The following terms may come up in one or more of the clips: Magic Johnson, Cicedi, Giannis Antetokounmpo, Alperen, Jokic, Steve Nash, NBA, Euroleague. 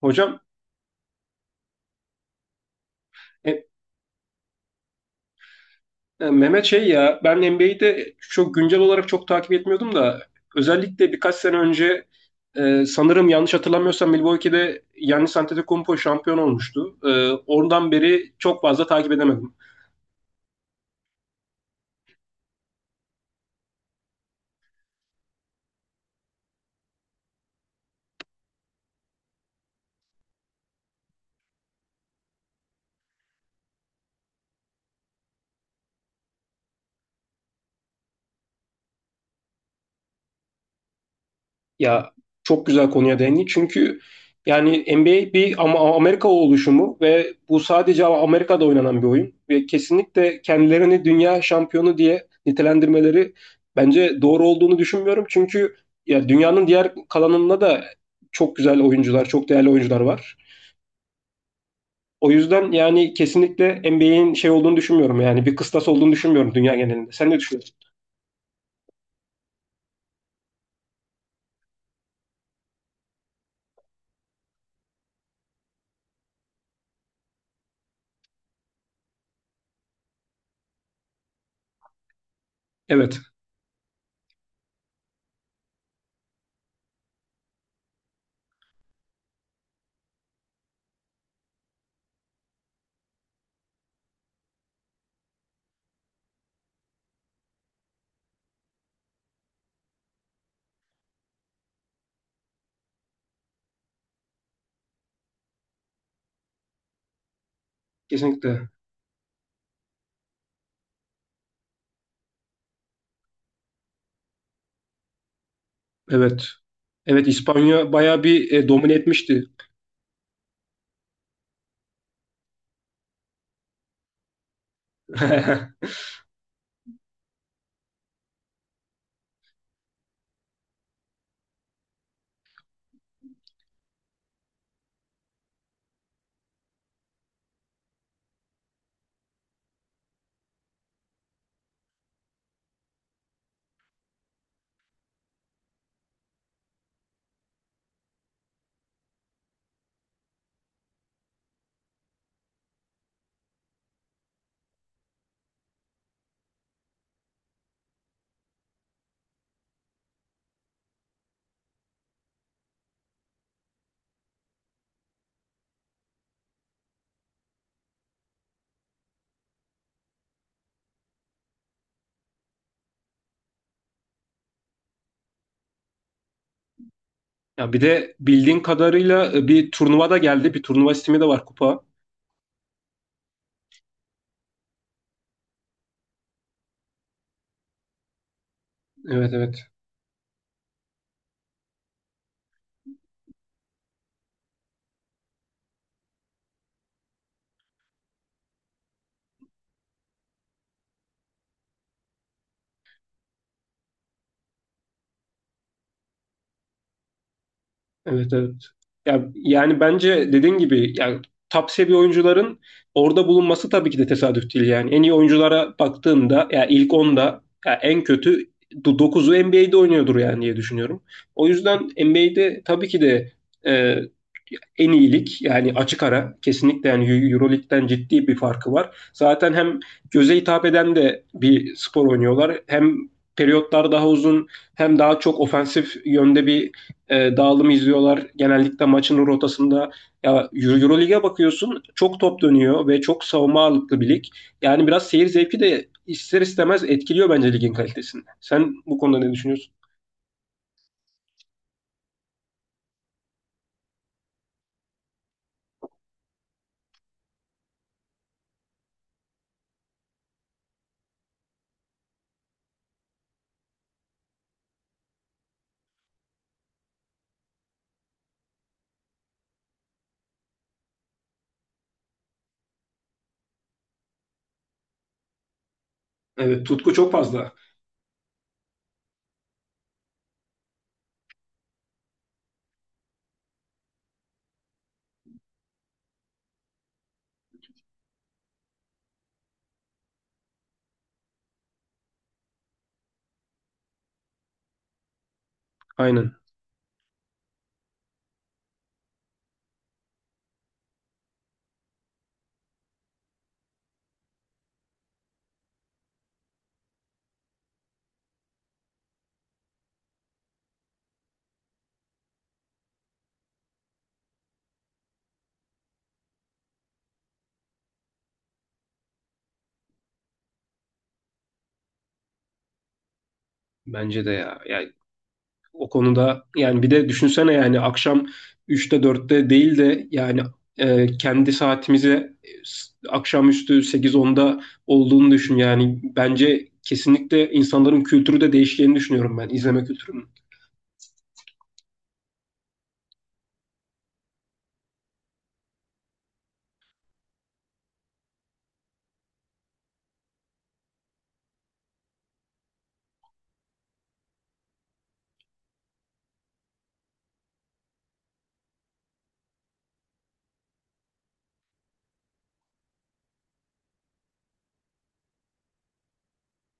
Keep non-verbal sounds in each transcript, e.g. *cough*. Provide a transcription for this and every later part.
Hocam e, Mehmet şey ya ben NBA'de çok güncel olarak çok takip etmiyordum da özellikle birkaç sene önce sanırım yanlış hatırlamıyorsam Milwaukee'de Giannis Antetokounmpo şampiyon olmuştu. Oradan beri çok fazla takip edemedim. Ya çok güzel konuya değindin. Çünkü yani NBA bir ama Amerika oluşumu ve bu sadece Amerika'da oynanan bir oyun ve kesinlikle kendilerini dünya şampiyonu diye nitelendirmeleri bence doğru olduğunu düşünmüyorum. Çünkü ya dünyanın diğer kalanında da çok güzel oyuncular, çok değerli oyuncular var. O yüzden yani kesinlikle NBA'in şey olduğunu düşünmüyorum yani bir kıstas olduğunu düşünmüyorum dünya genelinde. Sen ne düşünüyorsun? Evet, kesinlikle. Evet. Evet, İspanya bayağı bir domine etmişti. *laughs* Ya bir de bildiğin kadarıyla bir turnuva da geldi. Bir turnuva sistemi de var, kupa. Evet, evet. Evet, evet. Ya, yani bence dediğin gibi yani top seviye oyuncuların orada bulunması tabii ki de tesadüf değil yani. En iyi oyunculara baktığımda ya ilk onda ya en kötü 9'u NBA'de oynuyordur yani diye düşünüyorum. O yüzden NBA'de tabii ki de en iyilik yani açık ara kesinlikle yani Euroleague'den ciddi bir farkı var. Zaten hem göze hitap eden de bir spor oynuyorlar. Hem periyotlar daha uzun, hem daha çok ofensif yönde bir dağılım izliyorlar. Genellikle maçın rotasında ya Euroleague'e bakıyorsun, çok top dönüyor ve çok savunma ağırlıklı bir lig. Yani biraz seyir zevki de ister istemez etkiliyor bence ligin kalitesini. Sen bu konuda ne düşünüyorsun? Evet, tutku çok fazla. Aynen. Bence de ya. Ya o konuda yani bir de düşünsene yani akşam üçte dörtte değil de yani kendi saatimize akşamüstü 8-10'da olduğunu düşün. Yani bence kesinlikle insanların kültürü de değişeceğini düşünüyorum ben, izleme kültürünün.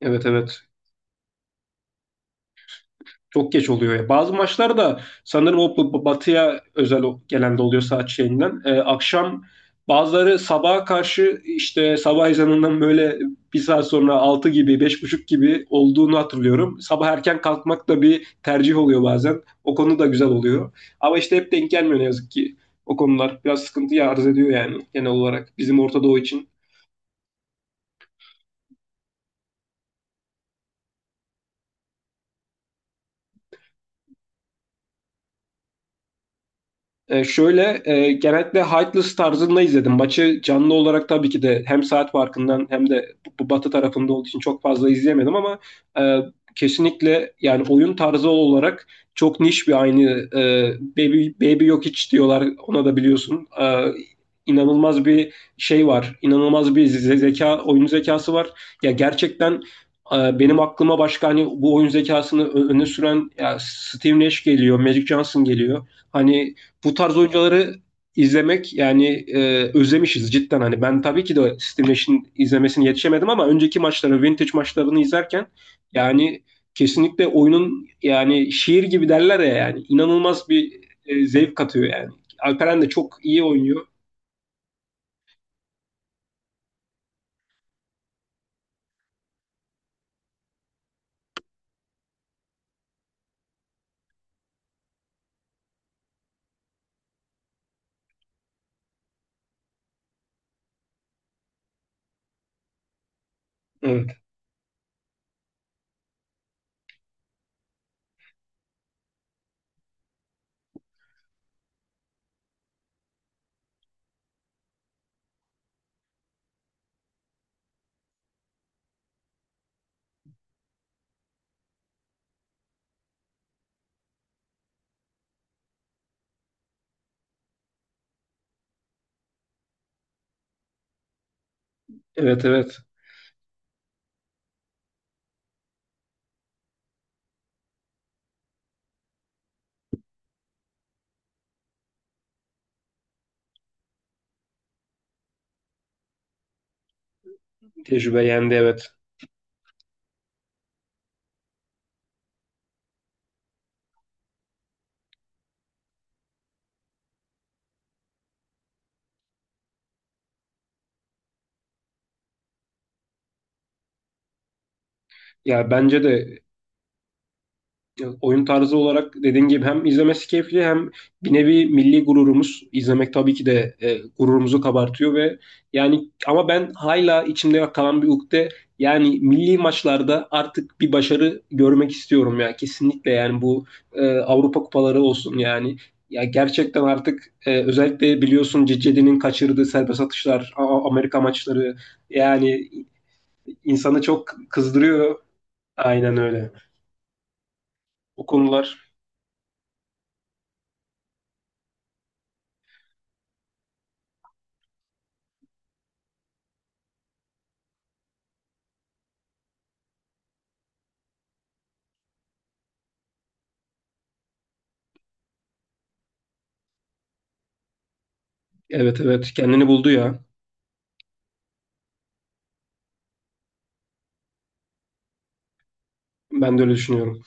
Evet, evet. Çok geç oluyor ya. Bazı maçlar da sanırım o batıya özel gelen de oluyor saat şeyinden. Akşam bazıları sabaha karşı işte sabah ezanından böyle bir saat sonra 6 gibi, beş buçuk gibi olduğunu hatırlıyorum. Sabah erken kalkmak da bir tercih oluyor bazen. O konu da güzel oluyor. Ama işte hep denk gelmiyor ne yazık ki. O konular biraz sıkıntı arz ediyor yani genel olarak bizim Orta Doğu için. Şöyle genellikle Heightless tarzında izledim. Maçı canlı olarak tabii ki de hem saat farkından hem de bu batı tarafında olduğu için çok fazla izleyemedim ama e, kesinlikle yani oyun tarzı olarak çok niş bir aynı e, Baby Jokic diyorlar ona da biliyorsun. İnanılmaz bir şey var. İnanılmaz bir zeka, oyun zekası var. Ya gerçekten benim aklıma başka hani bu oyun zekasını öne süren ya Steve Nash geliyor, Magic Johnson geliyor. Hani bu tarz oyuncuları izlemek yani özlemişiz cidden. Hani ben tabii ki de Steve Nash'in izlemesini yetişemedim ama önceki maçları, vintage maçlarını izlerken yani kesinlikle oyunun yani şiir gibi derler ya yani inanılmaz bir zevk katıyor yani. Alperen de çok iyi oynuyor. Evet, evet, evet. Tecrübe yendi, evet. Ya bence de. Evet, oyun tarzı olarak dediğin gibi hem izlemesi keyifli, hem bir nevi milli gururumuz, izlemek tabii ki de gururumuzu kabartıyor ve yani ama ben hala içimde kalan bir ukde, yani milli maçlarda artık bir başarı görmek istiyorum ya kesinlikle yani bu Avrupa kupaları olsun yani, ya gerçekten artık özellikle biliyorsun Cicedi'nin kaçırdığı serbest atışlar, Amerika maçları yani insanı çok kızdırıyor, aynen öyle o konular. Evet, evet, kendini buldu ya. Ben de öyle düşünüyorum.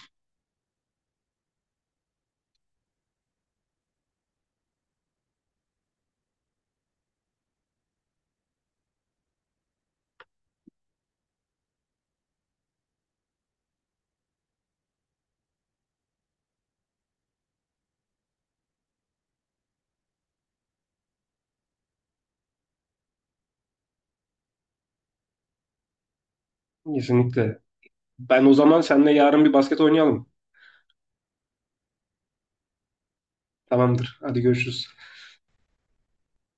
Kesinlikle. Ben o zaman seninle yarın bir basket oynayalım. Tamamdır. Hadi, görüşürüz.